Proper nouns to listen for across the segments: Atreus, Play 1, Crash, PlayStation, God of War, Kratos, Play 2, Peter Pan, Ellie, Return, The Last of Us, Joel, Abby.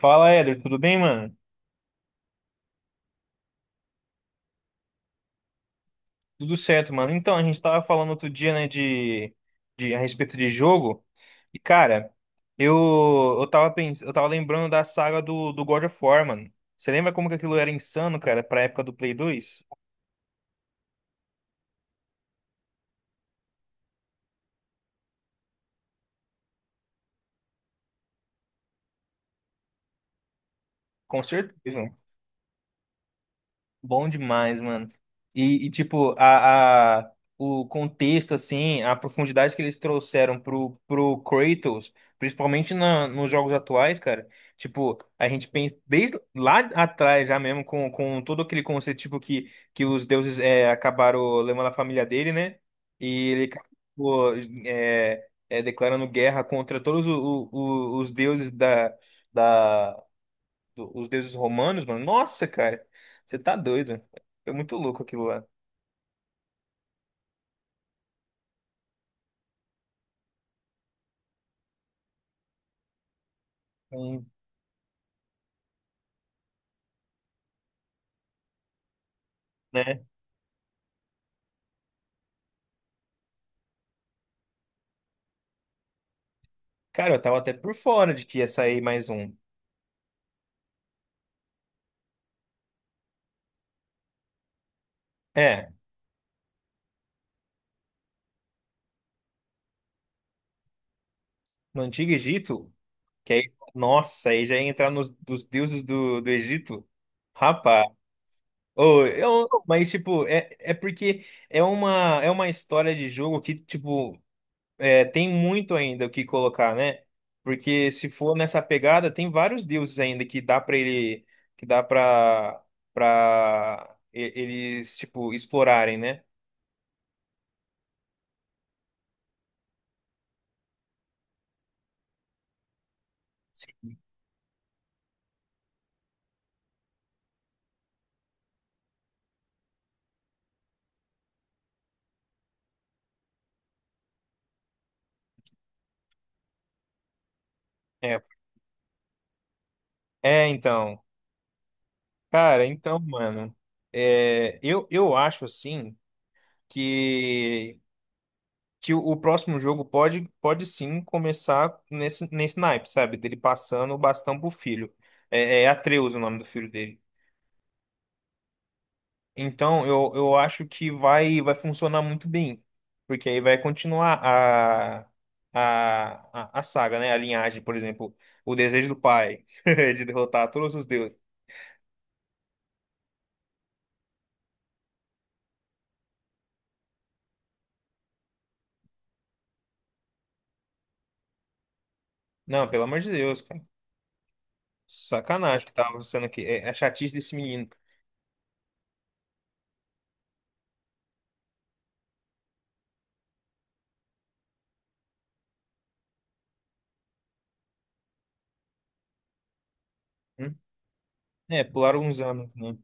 Fala, Éder, tudo bem, mano? Tudo certo, mano. Então, a gente tava falando outro dia, né, de a respeito de jogo. E, cara, eu, eu tava lembrando da saga do God of War, mano. Você lembra como que aquilo era insano, cara, pra época do Play 2? Com certeza. Bom demais, mano. E, tipo, o contexto, assim, a profundidade que eles trouxeram pro Kratos, principalmente nos jogos atuais, cara. Tipo, a gente pensa desde lá atrás já mesmo, com todo aquele conceito, tipo, que os deuses acabaram levando a família dele, né? E ele acabou declarando guerra contra todos os deuses da os deuses romanos, mano. Nossa, cara, você tá doido. É muito louco aquilo lá. Sim. Né? Cara, eu tava até por fora de que ia sair mais um. É, no Antigo Egito, que aí, nossa, aí já ia entrar nos dos deuses do Egito. Rapaz. Ô, mas, tipo, é porque é uma história de jogo que, tipo, é, tem muito ainda o que colocar, né? Porque se for nessa pegada, tem vários deuses ainda que dá para ele, que dá para eles tipo explorarem, né? Sim. É, então, cara, então, mano, eu acho assim que que o próximo jogo pode sim começar nesse naipe, sabe? Dele passando o bastão pro filho. É, é Atreus o nome do filho dele. Então, eu acho que vai funcionar muito bem, porque aí vai continuar a saga, né? A linhagem, por exemplo, o desejo do pai de derrotar todos os deuses. Não, pelo amor de Deus, cara. Sacanagem que tava sendo aqui. É a chatice desse menino. Hum? É, pularam uns anos, né?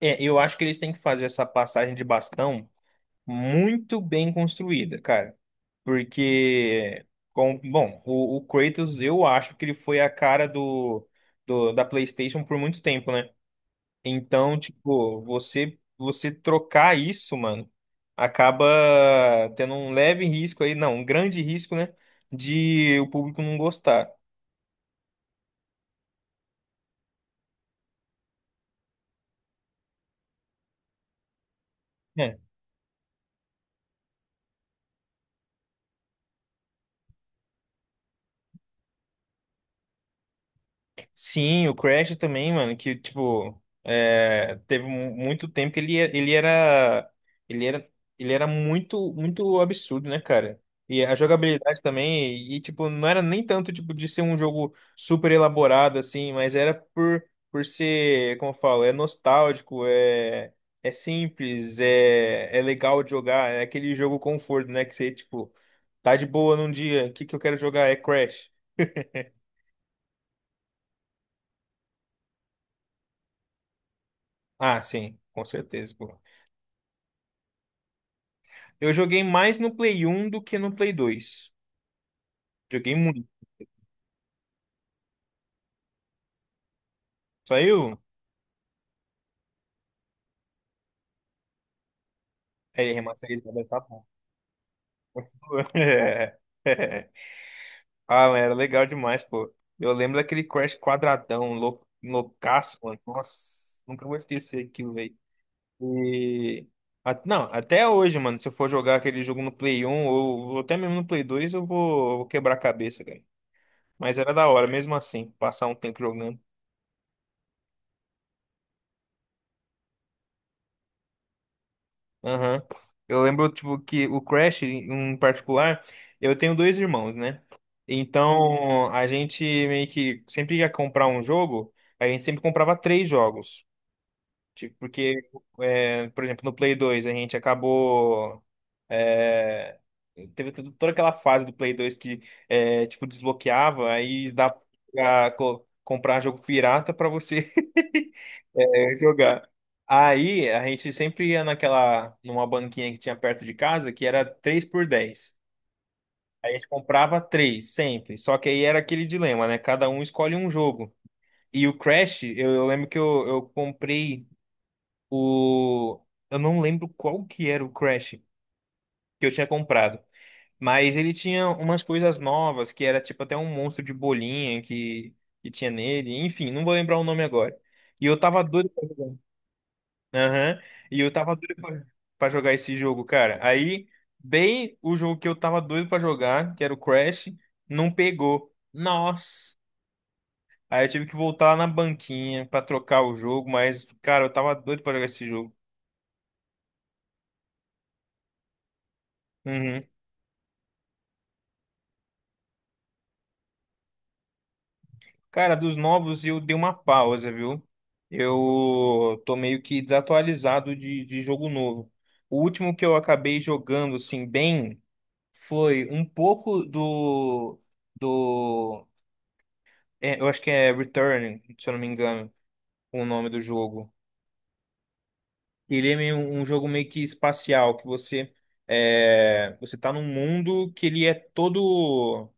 É, eu acho que eles têm que fazer essa passagem de bastão muito bem construída, cara. Porque, bom, o Kratos, eu acho que ele foi a cara da PlayStation por muito tempo, né? Então, tipo, você trocar isso, mano, acaba tendo um leve risco aí, não, um grande risco, né? De o público não gostar. É. Sim, o Crash também, mano, que tipo, teve muito tempo que ele, ele era ele era muito muito absurdo, né, cara? E a jogabilidade também, e tipo, não era nem tanto tipo de ser um jogo super elaborado assim, mas era por ser, como eu falo, é nostálgico, é simples, é legal de jogar, é aquele jogo conforto, né, que você tipo tá de boa num dia, o que que eu quero jogar? É Crash. Ah, sim, com certeza, pô. Eu joguei mais no Play 1 do que no Play 2. Joguei muito. Saiu? Ele remasterizado, tá bom. É. Ah, mas era legal demais, pô. Eu lembro daquele Crash quadradão, loucaço, mano. Nossa, nunca vou esquecer aquilo, velho. E... Não, até hoje, mano, se eu for jogar aquele jogo no Play 1 ou até mesmo no Play 2, eu vou quebrar a cabeça, cara. Mas era da hora, mesmo assim, passar um tempo jogando. Aham. Eu lembro, tipo, que o Crash, em particular, eu tenho dois irmãos, né? Então, a gente meio que sempre ia comprar um jogo, a gente sempre comprava três jogos. Tipo, porque, por exemplo, no Play 2, a gente acabou. é, Teve toda aquela fase do Play 2 que, tipo, desbloqueava, aí dá pra comprar jogo pirata pra você. É, jogar. Aí a gente sempre ia numa banquinha que tinha perto de casa, que era 3 por dez. Aí a gente comprava três sempre. Só que aí era aquele dilema, né? Cada um escolhe um jogo. E o Crash, eu lembro que eu comprei o. Eu não lembro qual que era o Crash que eu tinha comprado. Mas ele tinha umas coisas novas, que era tipo até um monstro de bolinha que tinha nele. Enfim, não vou lembrar o nome agora. E eu tava doido. Aham. E eu tava doido pra jogar esse jogo, cara. Aí, bem o jogo que eu tava doido pra jogar, que era o Crash, não pegou. Nossa. Aí eu tive que voltar lá na banquinha pra trocar o jogo, mas, cara, eu tava doido pra jogar esse jogo. Uhum. Cara, dos novos eu dei uma pausa, viu? Eu tô meio que desatualizado de jogo novo. O último que eu acabei jogando, assim, bem, foi um pouco do. Do eu acho que é Return, se eu não me engano, o nome do jogo. Ele é meio, um jogo meio que espacial, que você você tá num mundo que ele é todo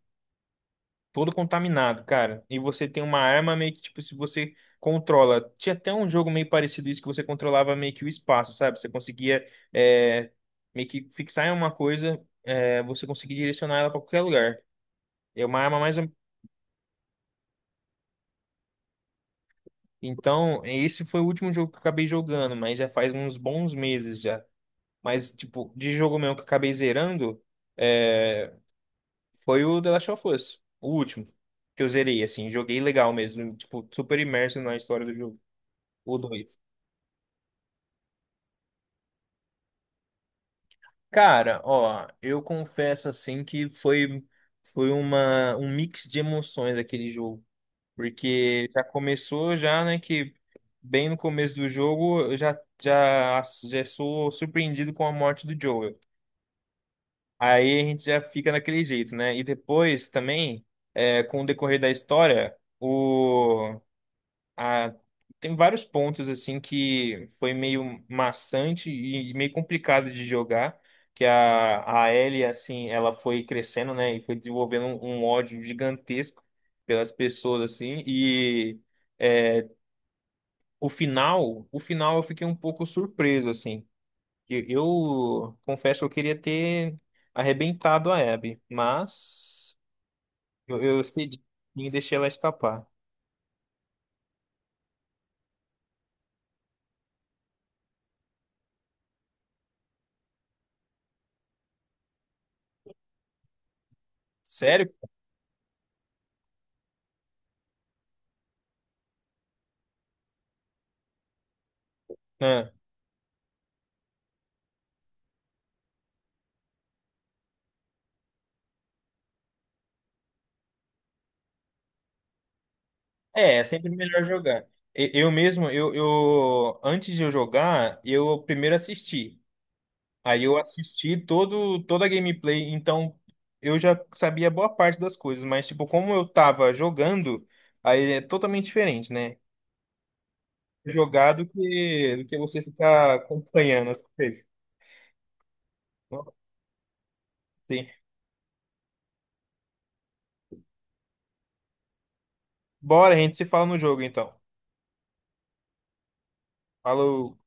contaminado, cara. E você tem uma arma meio que tipo se você controla. Tinha até um jogo meio parecido isso que você controlava meio que o espaço, sabe? Você conseguia é, meio que fixar em uma coisa, você conseguia direcionar ela pra qualquer lugar. É uma arma mais ou- então, esse foi o último jogo que eu acabei jogando, mas já faz uns bons meses já. Mas, tipo, de jogo mesmo que eu acabei zerando, é, foi o The Last of Us, o último que eu zerei, assim. Joguei legal mesmo, tipo, super imerso na história do jogo, o dois. Cara, ó, eu confesso, assim, que foi um mix de emoções aquele jogo. Porque já começou já, né, que bem no começo do jogo eu já sou surpreendido com a morte do Joel. Aí a gente já fica naquele jeito, né? E depois também, com o decorrer da história, a, tem vários pontos assim que foi meio maçante e meio complicado de jogar, que a Ellie, assim, ela foi crescendo, né? E foi desenvolvendo um ódio gigantesco pelas pessoas, assim, e é, o final eu fiquei um pouco surpreso, assim. Eu confesso que eu queria ter arrebentado a Abby, mas eu cedi e deixei ela escapar. Sério? Ah, é, é sempre melhor jogar. Eu mesmo, eu antes de eu jogar, eu primeiro assisti. Aí eu assisti todo toda a gameplay, então eu já sabia boa parte das coisas, mas tipo, como eu tava jogando, aí é totalmente diferente, né? Jogar do que você ficar acompanhando as coisas. Nossa. Bora, a gente se fala no jogo então. Falou.